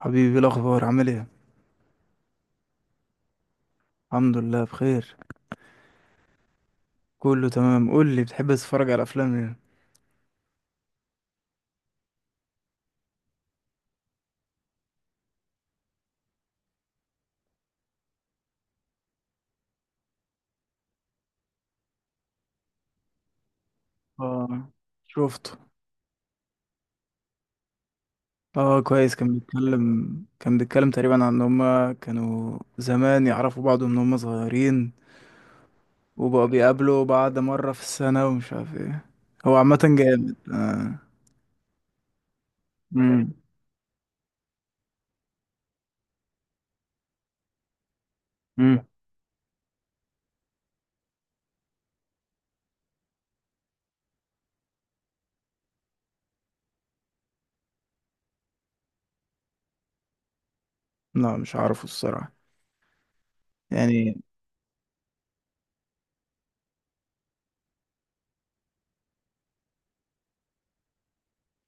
حبيبي، إيه الاخبار؟ عامل ايه؟ الحمد لله بخير، كله تمام. قول لي، بتحب تتفرج على افلام ايه؟ اه، شفته. اه كويس، كان بيتكلم تقريبا عن ان هما كانوا زمان يعرفوا بعض من هما صغيرين، وبقوا بيقابلوا بعض مرة في السنة ومش عارف ايه. هو عامة جامد. مم. مم. لا مش عارفه الصراحة يعني.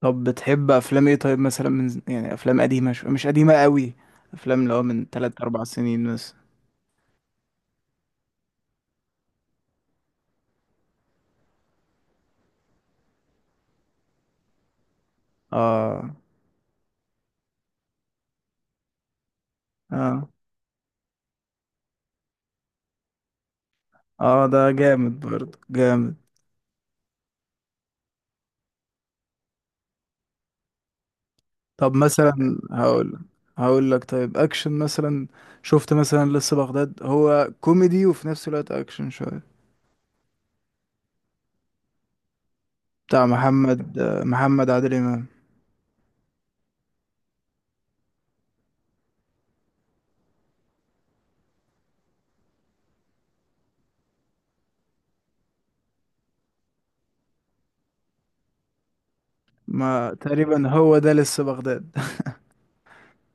طب بتحب افلام ايه؟ طيب مثلا من يعني افلام قديمة، مش قديمة قوي، افلام اللي هو من 3 4 سنين مثلا. اه اه اه، ده جامد برضه، جامد. طب مثلا هقول هقول لك طيب اكشن مثلا. شفت مثلا لسه بغداد؟ هو كوميدي وفي نفس الوقت اكشن شوية، بتاع محمد عادل امام. ما تقريبا هو ده لسه بغداد.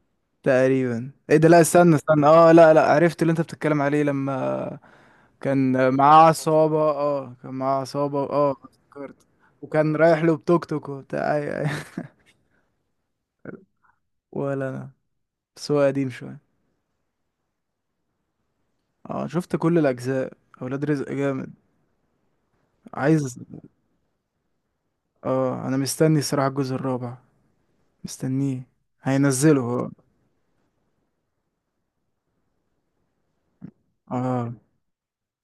تقريبا ايه ده، لا استنى استنى، اه لا لا، عرفت اللي انت بتتكلم عليه، لما كان معاه عصابة اه افتكرت. وكان رايح له بتوك توك وبتاع اي اي. ولا انا، بس هو قديم شوية. اه شفت كل الاجزاء، اولاد رزق جامد. عايز، اه انا مستني الصراحه الجزء الرابع، مستنيه، هينزله هو. اه،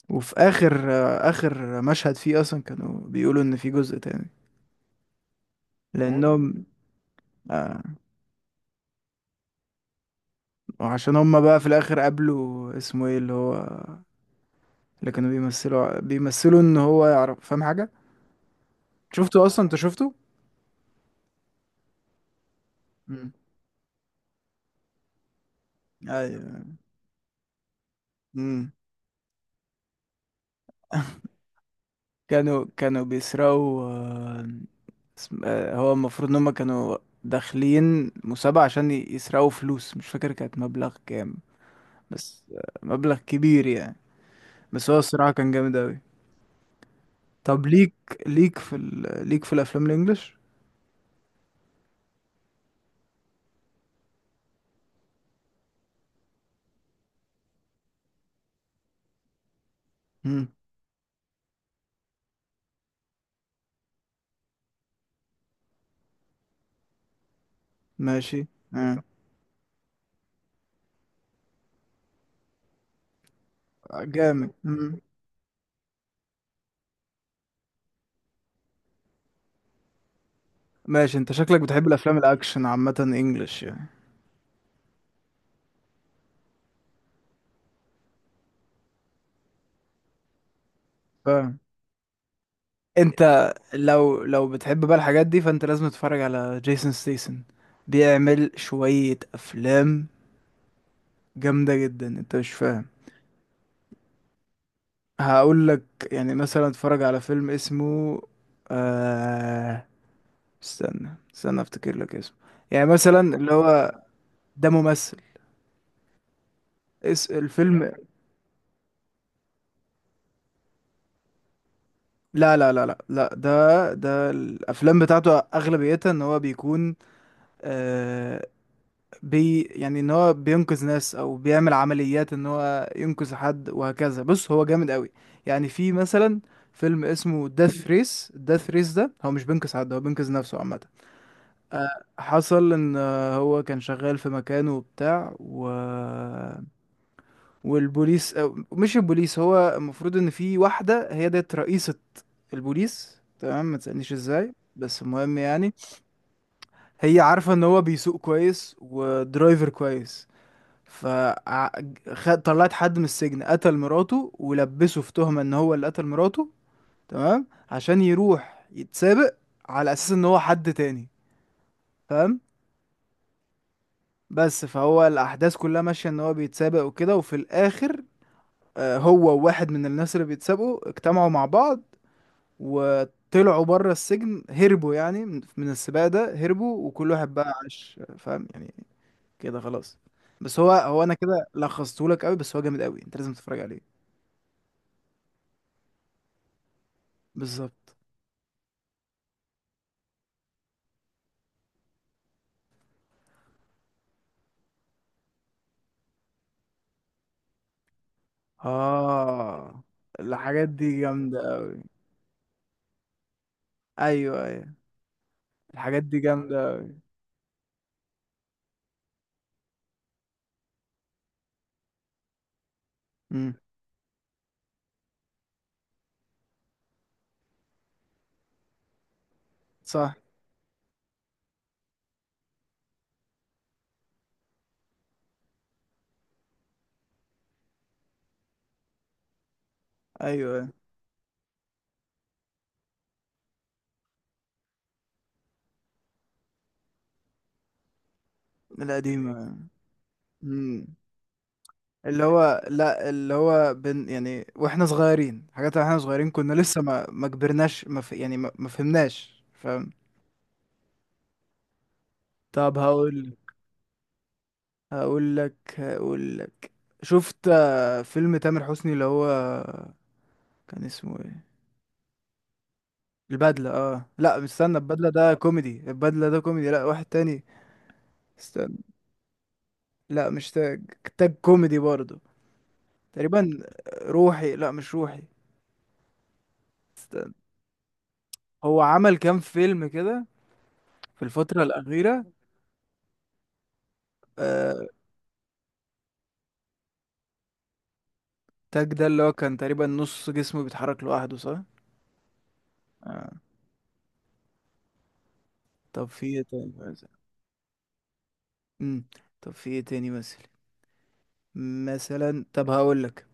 وفي اخر مشهد فيه اصلا كانوا بيقولوا ان في جزء تاني لانهم آه وعشان هم بقى في الاخر قابلوا اسمه ايه اللي هو، اللي كانوا بيمثلوا ان هو يعرف، فاهم حاجه؟ شفته اصلا؟ انت شفته. امم ايوه. مم. كانوا بيسرقوا، هو المفروض ان هم كانوا داخلين مسابقة عشان يسرقوا فلوس، مش فاكر كانت مبلغ كام، بس مبلغ كبير يعني، بس هو الصراحة كان جامد أوي. طب ليك ليك في الأفلام الإنجليش؟ مم. ماشي. آه. جامد. مم. ماشي. انت شكلك بتحب الأفلام الأكشن عامة إنجليش يعني، فاهم؟ انت لو بتحب بقى الحاجات دي فانت لازم تتفرج على جيسون ستيسن، بيعمل شوية افلام جامدة جدا انت مش فاهم. هقول لك، يعني مثلا اتفرج على فيلم اسمه آه... استنى استنى افتكر لك اسمه، يعني مثلا اللي هو، ده ممثل، اس الفيلم. لا لا لا لا لا، ده الافلام بتاعته اغلبيتها ان هو بيكون، آه، بي يعني ان هو بينقذ ناس او بيعمل عمليات ان هو ينقذ حد وهكذا. بص هو جامد قوي. يعني في مثلا فيلم اسمه داث ريس، داث ريس ده هو مش بينقذ حد، هو بينقذ نفسه عامة. حصل ان هو كان شغال في مكانه وبتاع والبوليس، أو مش البوليس، هو المفروض ان في واحدة هي ديت رئيسة البوليس، تمام؟ ما تسألنيش ازاي، بس المهم يعني هي عارفة ان هو بيسوق كويس ودرايفر كويس، فطلعت حد من السجن قتل مراته ولبسه في تهمة ان هو اللي قتل مراته، تمام، عشان يروح يتسابق على اساس ان هو حد تاني، فاهم؟ بس فهو الاحداث كلها ماشية ان هو بيتسابق وكده، وفي الاخر هو وواحد من الناس اللي بيتسابقوا اجتمعوا مع بعض وطلعوا بره السجن، هربوا يعني، من السباق ده هربوا، وكل واحد بقى عاش، فاهم يعني؟ كده خلاص. بس هو انا كده لخصتهولك قوي، بس هو جامد قوي، انت لازم تتفرج عليه. بالظبط. اه الحاجات دي جامدة أوي. أيوة أيوة، الحاجات دي جامدة أوي. مم. صح. أيوة أيوة. القديمة. مم. اللي هو، لا اللي هو بن يعني واحنا صغيرين، حاجات واحنا صغيرين كنا لسه، ما كبرناش، ما ف... يعني ما فهمناش، فاهم؟ طب هقول لك شفت فيلم تامر حسني اللي هو كان اسمه ايه؟ البدلة. اه لا مستنى، البدلة ده كوميدي، لا واحد تاني، است... لا مش تاج، تاج كوميدي برضه تقريبا. روحي، لا مش روحي، استنى. هو عمل كام فيلم كده في الفترة الأخيرة؟ آه... تاج ده اللي هو كان تقريبا نص جسمه بيتحرك لوحده، صح؟ آه. طب في ايه تاني مثلا؟ مم. طب في ايه تاني مثلا؟ مثلا طب هقول لك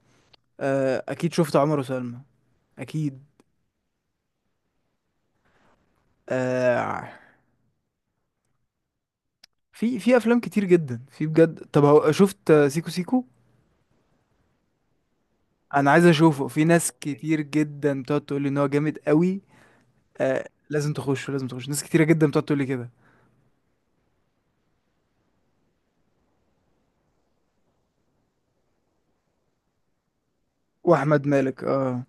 أكيد شفت عمر وسلمى، أكيد. آه... في أفلام كتير جدا، في بجد، طب شفت سيكو سيكو؟ أنا عايز أشوفه، في ناس كتير جدا بتقعد تقول لي إن هو جامد قوي. آه لازم تخش، لازم تخش، ناس كتيرة جدا بتقعد تقول لي كده. واحمد مالك، اه.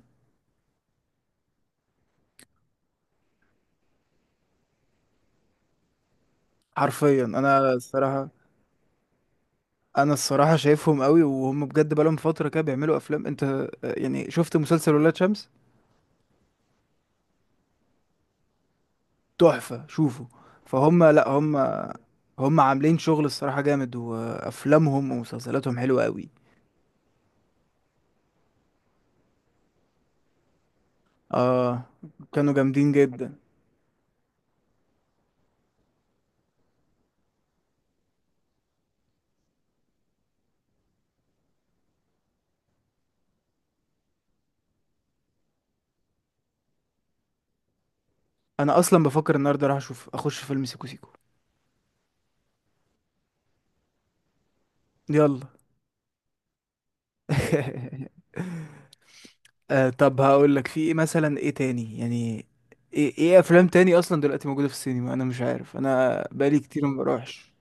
حرفيا انا الصراحة، شايفهم قوي، وهم بجد بقالهم فترة كده بيعملوا افلام. انت يعني شفت مسلسل ولاد شمس؟ تحفة، شوفوا. فهم، لا هم عاملين شغل الصراحة جامد، وافلامهم ومسلسلاتهم حلوة قوي. اه كانوا جامدين جدا. انا اصلا بفكر النهارده راح اشوف اخش فيلم سيكو سيكو. يلا. طب هقول لك في ايه مثلا، ايه تاني يعني، ايه افلام تاني اصلا دلوقتي موجوده في السينما، انا مش عارف، انا بقالي كتير ما بروحش.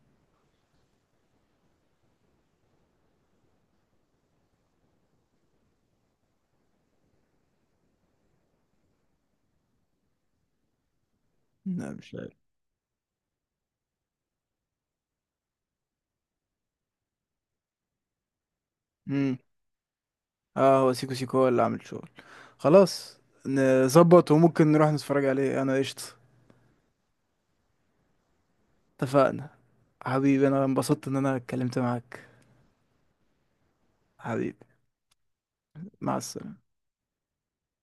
لا مش عارف. امم اه هو سيكو سيكو هو اللي عامل شغل. خلاص، نظبط وممكن نروح نتفرج عليه، انا قشطه. اتفقنا. حبيبي انا انبسطت ان انا اتكلمت معاك. حبيبي. مع السلامه.